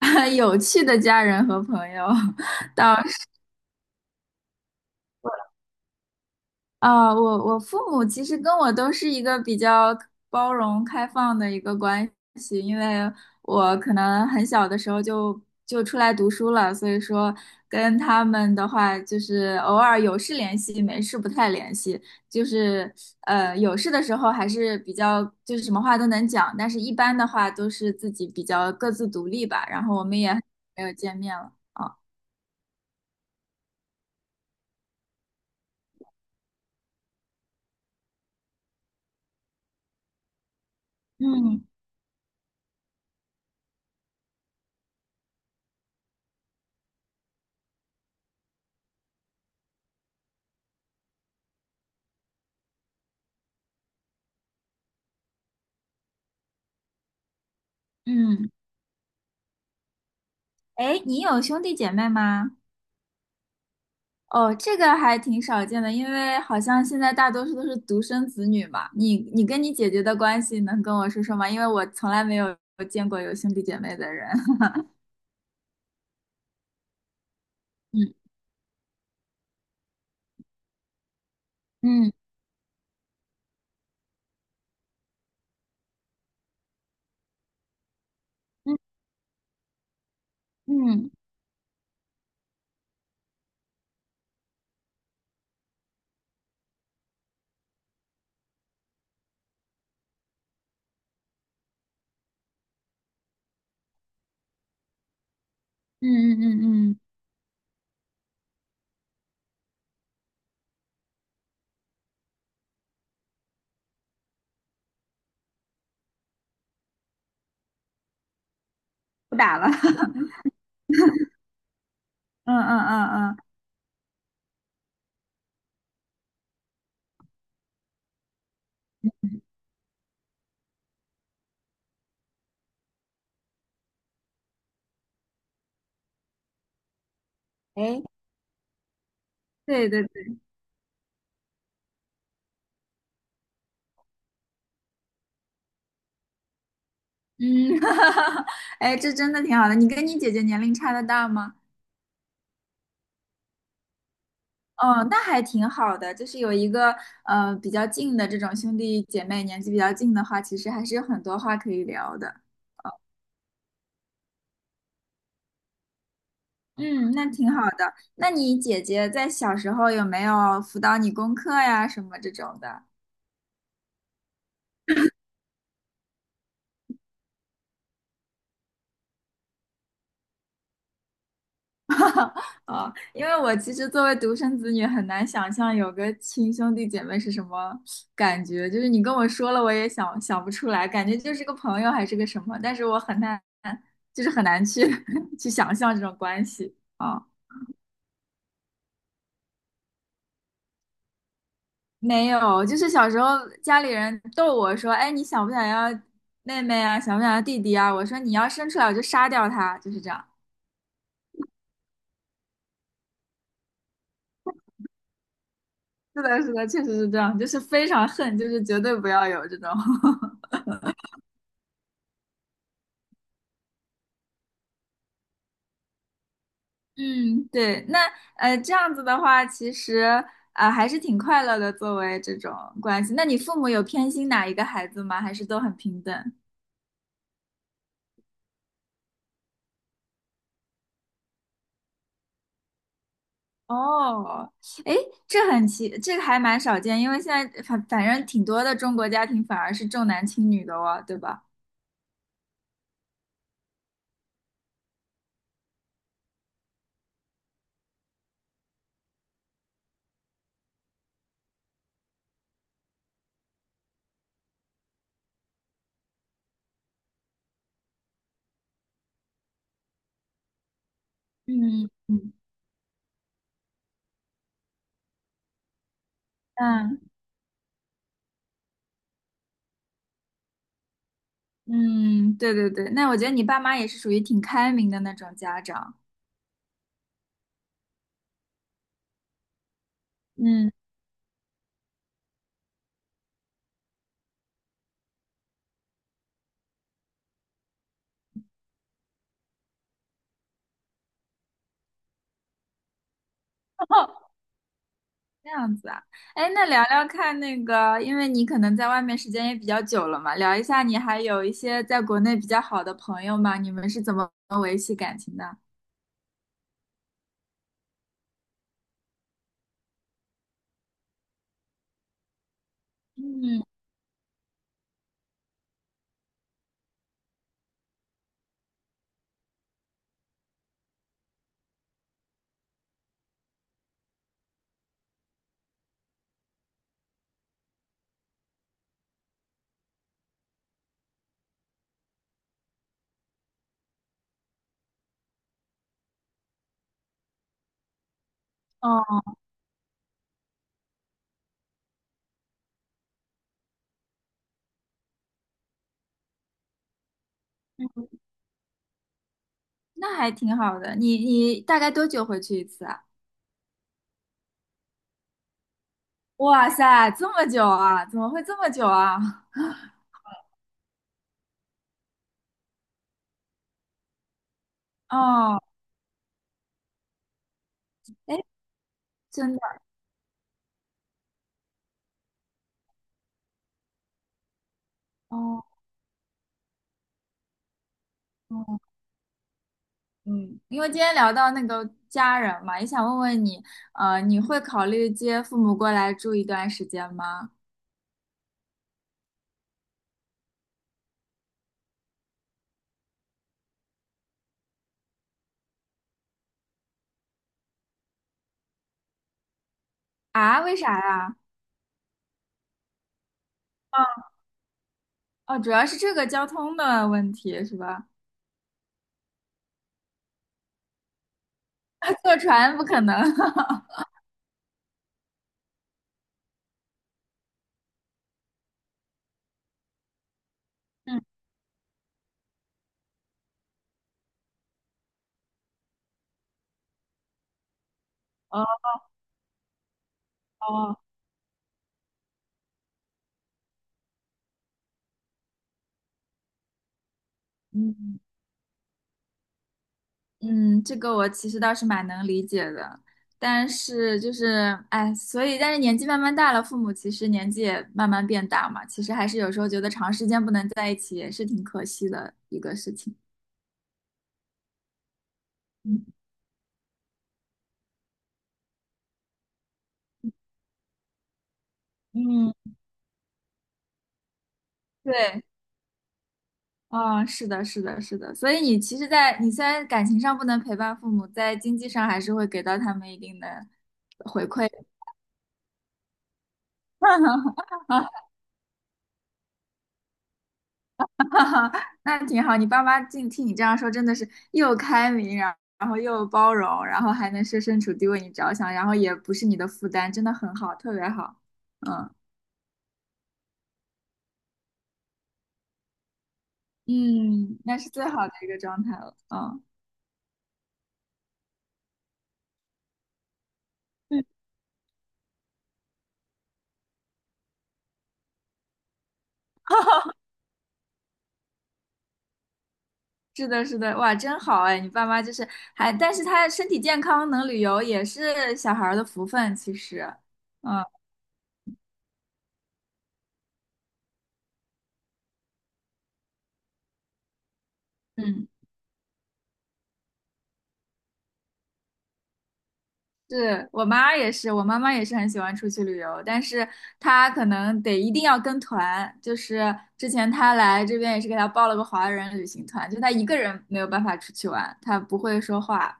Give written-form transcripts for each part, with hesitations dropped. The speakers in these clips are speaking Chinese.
有趣的家人和朋友 到啊，我父母其实跟我都是一个比较包容开放的一个关系，因为我可能很小的时候就出来读书了，所以说跟他们的话就是偶尔有事联系，没事不太联系，就是有事的时候还是比较就是什么话都能讲，但是一般的话都是自己比较各自独立吧，然后我们也很久没有见面了啊，嗯嗯。哎，你有兄弟姐妹吗？哦，这个还挺少见的，因为好像现在大多数都是独生子女嘛。你跟你姐姐的关系能跟我说说吗？因为我从来没有见过有兄弟姐妹的人。嗯嗯嗯嗯嗯嗯嗯嗯，不打了。嗯嗯嗯嗯，哎，对对对，嗯，哎，这真的挺好的。你跟你姐姐年龄差的大吗？哦，那还挺好的，就是有一个比较近的这种兄弟姐妹，年纪比较近的话，其实还是有很多话可以聊的。嗯，那挺好的。那你姐姐在小时候有没有辅导你功课呀，什么这种的？哦，因为我其实作为独生子女，很难想象有个亲兄弟姐妹是什么感觉。就是你跟我说了，我也想不出来，感觉就是个朋友还是个什么，但是我很难，就是很难去 去想象这种关系。哦没有，就是小时候家里人逗我说："哎，你想不想要妹妹啊？想不想要弟弟啊？"我说："你要生出来，我就杀掉他。"就是这样。是的，是的，确实是这样，就是非常恨，就是绝对不要有这种。嗯，对，那，这样子的话，其实啊、还是挺快乐的，作为这种关系。那你父母有偏心哪一个孩子吗？还是都很平等？哦，哎，这很奇，这个还蛮少见，因为现在反正挺多的中国家庭反而是重男轻女的哦，对吧？嗯嗯，嗯嗯，对对对，那我觉得你爸妈也是属于挺开明的那种家长。嗯，这样子啊，哎，那聊聊看那个，因为你可能在外面时间也比较久了嘛，聊一下你还有一些在国内比较好的朋友吗？你们是怎么维系感情的？嗯，哦，那还挺好的。你大概多久回去一次啊？哇塞，这么久啊？怎么会这么久啊？哦，哎，真的，哦，哦，嗯，因为今天聊到那个家人嘛，也想问问你，你会考虑接父母过来住一段时间吗？啊，为啥呀？哦，主要是这个交通的问题是吧？坐船不可能。嗯，哦，哦，嗯，嗯，这个我其实倒是蛮能理解的，但是就是，哎，所以，但是年纪慢慢大了，父母其实年纪也慢慢变大嘛，其实还是有时候觉得长时间不能在一起也是挺可惜的一个事情。嗯，嗯，对，啊，是的，是的，是的，所以你其实在，你虽然感情上不能陪伴父母，在经济上还是会给到他们一定的回馈。哈哈，那挺好。你爸妈竟听你这样说，真的是又开明，然后又包容，然后还能设身处地为你着想，然后也不是你的负担，真的很好，特别好。嗯嗯，那是最好的一个状态了。嗯，嗯，是的，是的，哇，真好哎！你爸妈就是还，但是他身体健康能旅游也是小孩儿的福分，其实。嗯嗯。是我妈也是，我妈妈也是很喜欢出去旅游，但是她可能得一定要跟团。就是之前她来这边也是给她报了个华人旅行团，就她一个人没有办法出去玩，她不会说话。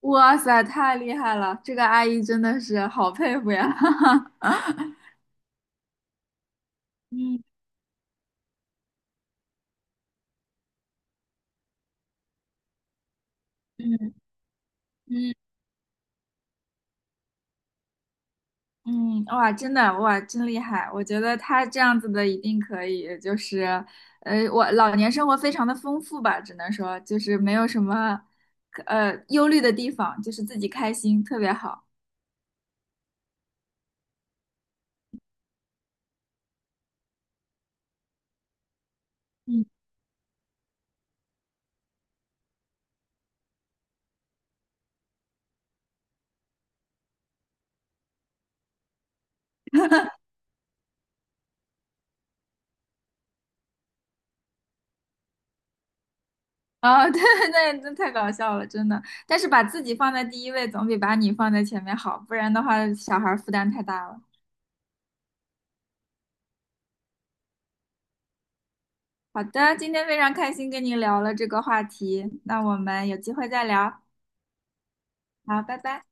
哇塞，太厉害了！这个阿姨真的是好佩服呀！嗯嗯嗯。嗯，哇，真的，哇，真厉害！我觉得他这样子的一定可以，就是，我老年生活非常的丰富吧，只能说就是没有什么，忧虑的地方，就是自己开心，特别好。嗯，啊、对，那太搞笑了，真的。但是把自己放在第一位，总比把你放在前面好，不然的话，小孩儿负担太大了。好的，今天非常开心跟你聊了这个话题，那我们有机会再聊。好，拜拜。